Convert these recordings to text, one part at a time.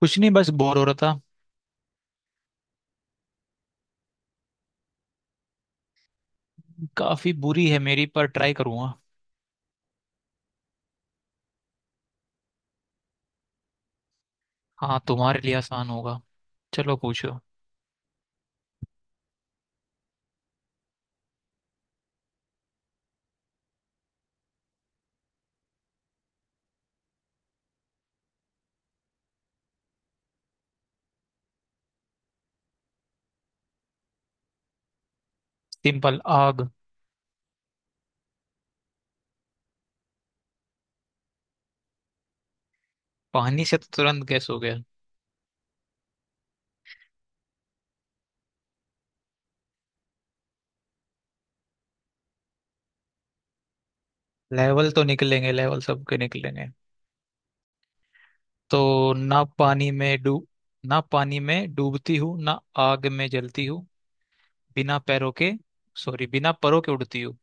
कुछ नहीं, बस बोर हो रहा था। काफी बुरी है मेरी, पर ट्राई करूंगा। हाँ, तुम्हारे लिए आसान होगा। चलो पूछो। सिंपल, आग। पानी से तो तुरंत गैस हो गया। लेवल तो निकलेंगे, लेवल सबके निकलेंगे। तो ना पानी में डूब, ना पानी में डूबती हूँ, ना आग में जलती हूँ, बिना पैरों के, सॉरी, बिना परों के उड़ती हूँ।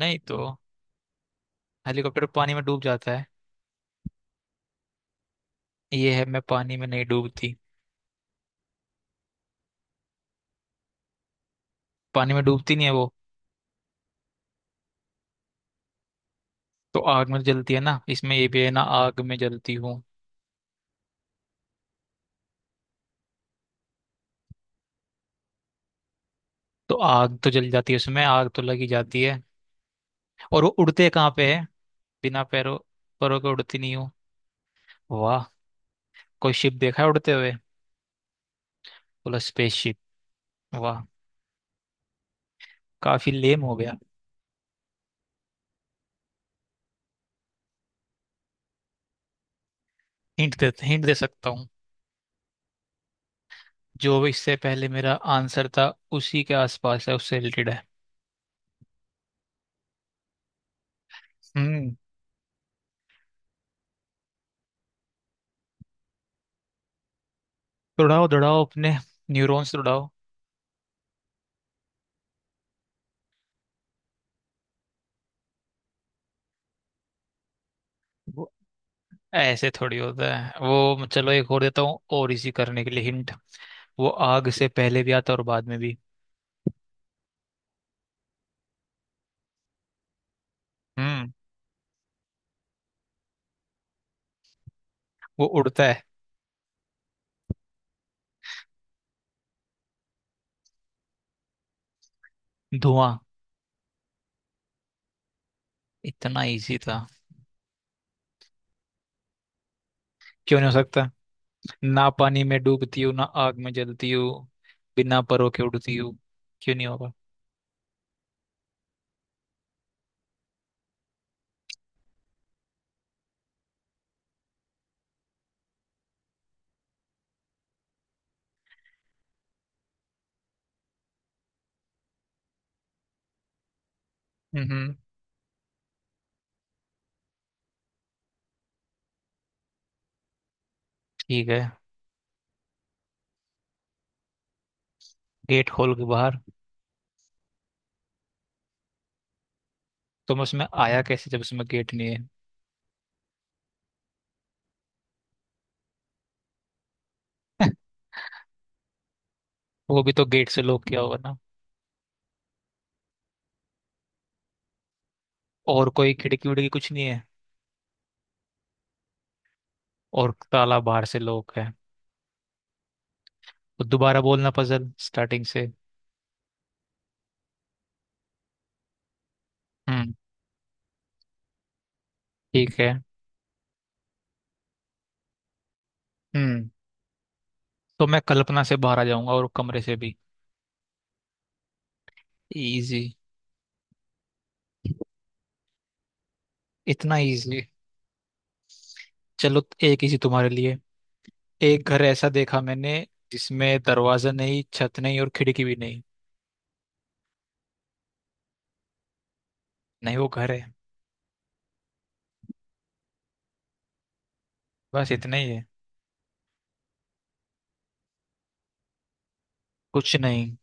नहीं तो, हेलीकॉप्टर पानी में डूब जाता है। ये है, मैं पानी में नहीं डूबती। पानी में डूबती नहीं है वो। तो आग में जलती है ना, इसमें ये भी है ना, आग में जलती हूँ। तो आग तो जल जाती है उसमें, आग तो लगी जाती है। और वो उड़ते कहाँ पे है? बिना पैरों, परों के उड़ती नहीं हूँ। वाह, कोई शिप देखा है उड़ते हुए? बोला स्पेसशिप। वाह, काफी लेम हो गया। हिंट दे सकता हूँ। जो भी इससे पहले मेरा आंसर था, उसी के आसपास है, उससे रिलेटेड है। हम्म। दौड़ाओ दौड़ाओ अपने न्यूरॉन्स दौड़ाओ। वो ऐसे थोड़ी होता है। वो चलो एक और देता हूँ, और इसी करने के लिए हिंट। वो आग से पहले भी आता है और बाद में भी। हम्म। वो उड़ता है, धुआं। इतना इजी था। क्यों नहीं हो सकता? ना पानी में डूबती हूँ, ना आग में जलती हूँ, बिना परों के उड़ती हूँ। क्यों नहीं होगा? हम्म। ठीक है। गेट खोल के बाहर। तो मैं उसमें आया कैसे जब उसमें गेट नहीं है? वो भी तो गेट से लॉक किया होगा ना? और कोई खिड़की विड़की कुछ नहीं है? और ताला बाहर से लॉक है? तो दोबारा बोलना पजल स्टार्टिंग से। हम्म। ठीक है। हम्म। तो मैं कल्पना से बाहर आ जाऊंगा और कमरे से भी। इजी। इतना इजी। चलो एक इजी तुम्हारे लिए। एक घर ऐसा देखा मैंने, जिसमें दरवाजा नहीं, छत नहीं, और खिड़की भी नहीं। नहीं, वो घर है। बस इतना ही है। कुछ नहीं।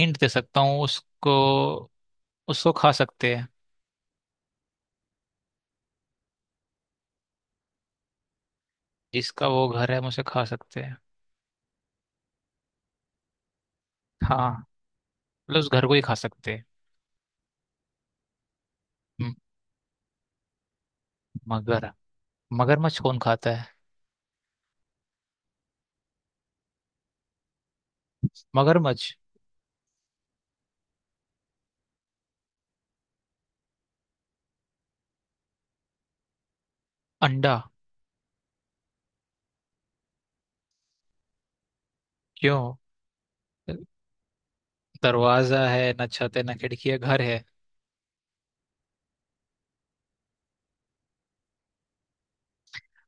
हिंट दे सकता हूँ उसको। उसको खा सकते हैं। जिसका वो घर है, हम उसे खा सकते हैं। हाँ, मतलब उस घर को ही खा सकते हैं। म- मगर। मगरमच्छ कौन खाता है? मगरमच्छ। अंडा। क्यों? दरवाजा है ना, छत है ना, खिड़की है, घर है।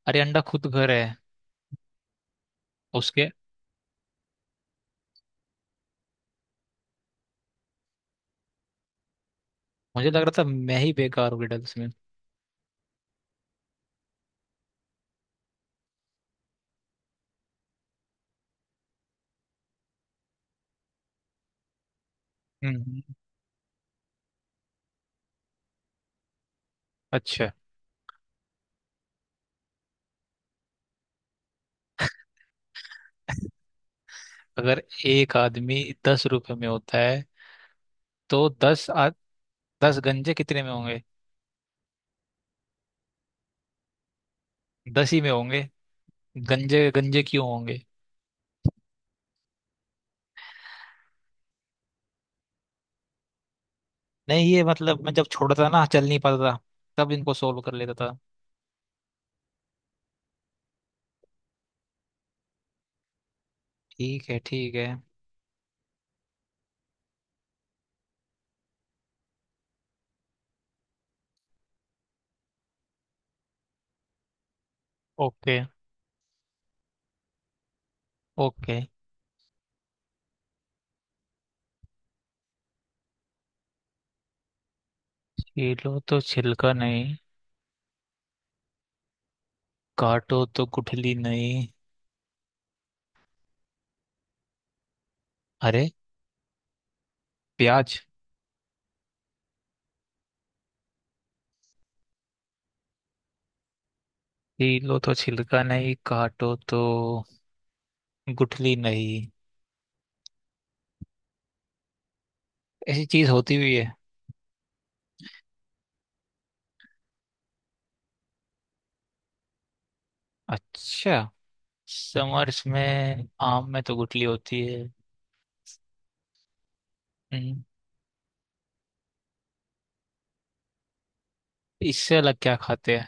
अरे, अंडा खुद घर है। उसके। मुझे लग रहा था मैं ही बेकार हूँ riddles में। हम्म। अच्छा। अगर एक आदमी 10 रुपए में होता है, तो 10 गंजे कितने में होंगे? दस ही में होंगे। गंजे गंजे क्यों होंगे? नहीं, ये मतलब मैं जब छोटा था ना, चल नहीं पाता था, तब इनको सोल्व कर लेता था। ठीक है, ठीक है। ओके। ओके। छीलो तो छिलका नहीं, काटो तो गुठली नहीं। अरे, प्याज। छीलो तो छिलका नहीं, काटो तो गुठली नहीं। ऐसी चीज होती हुई है? अच्छा, समर्स में आम में तो गुठली होती है। हम्म, इससे अलग क्या खाते हैं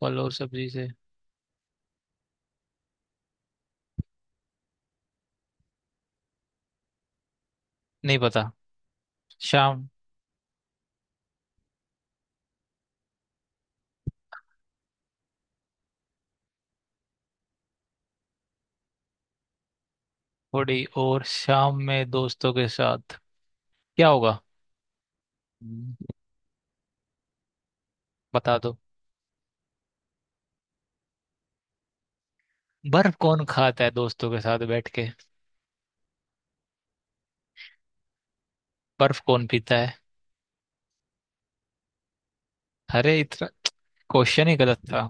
फल और सब्जी से? नहीं पता। शाम? थोड़ी और शाम में दोस्तों के साथ क्या होगा? हम्म। बता दो। बर्फ कौन खाता है दोस्तों के साथ बैठ के? बर्फ कौन पीता है? अरे, इतना, क्वेश्चन ही गलत था।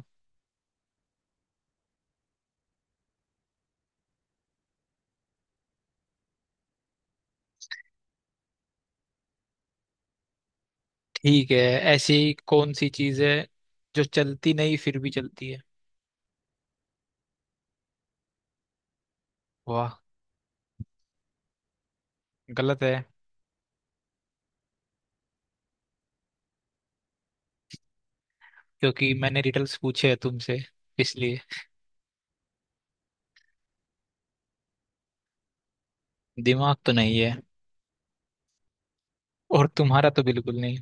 ठीक है। ऐसी कौन सी चीज है जो चलती नहीं फिर भी चलती है? वाह। गलत है। क्योंकि मैंने रिडल्स पूछे हैं तुमसे, इसलिए। दिमाग तो नहीं है, और तुम्हारा तो बिल्कुल नहीं।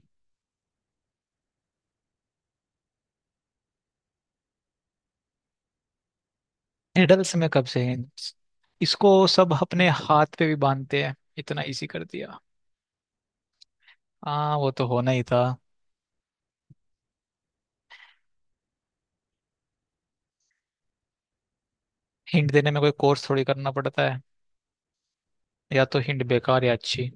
निडल्स में कब से है? इसको सब अपने हाथ पे भी बांधते हैं, इतना इजी कर दिया। हाँ, वो तो होना ही था। हिंट देने में कोई कोर्स थोड़ी करना पड़ता है। या तो हिंट बेकार, या अच्छी।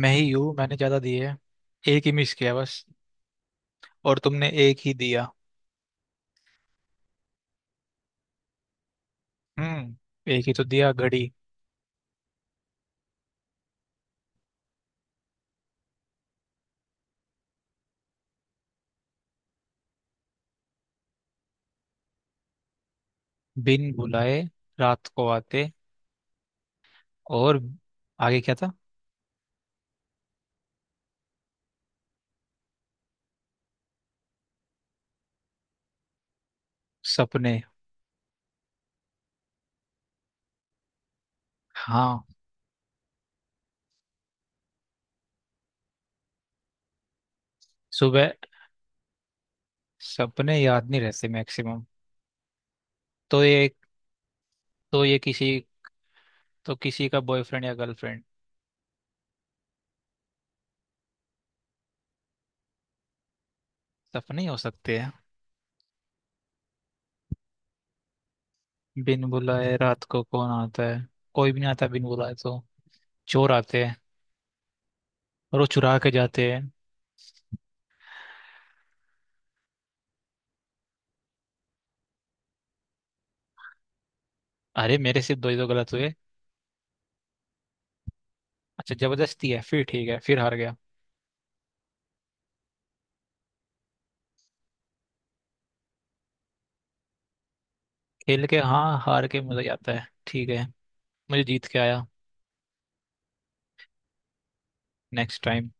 मैं ही हूँ, मैंने ज्यादा दी है। एक ही मिस किया बस। और तुमने एक ही दिया। हम्म, एक ही तो दिया, घड़ी। बिन बुलाए रात को आते, और आगे क्या था? सपने। हाँ। सुबह, सपने याद नहीं रहते मैक्सिमम। तो ये, तो ये किसी, तो किसी का बॉयफ्रेंड या गर्लफ्रेंड, सपने ही हो सकते हैं। बिन बुलाए रात को कौन आता है? कोई भी नहीं आता बिन बुलाए, तो चोर आते हैं, और वो चुरा के जाते हैं। अरे, मेरे सिर्फ दो ही तो गलत हुए। अच्छा, जबरदस्ती है फिर, ठीक है, फिर हार गया। खेल के? हाँ, हार के मजा ही आता है, ठीक है। मुझे जीत के आया। Next time.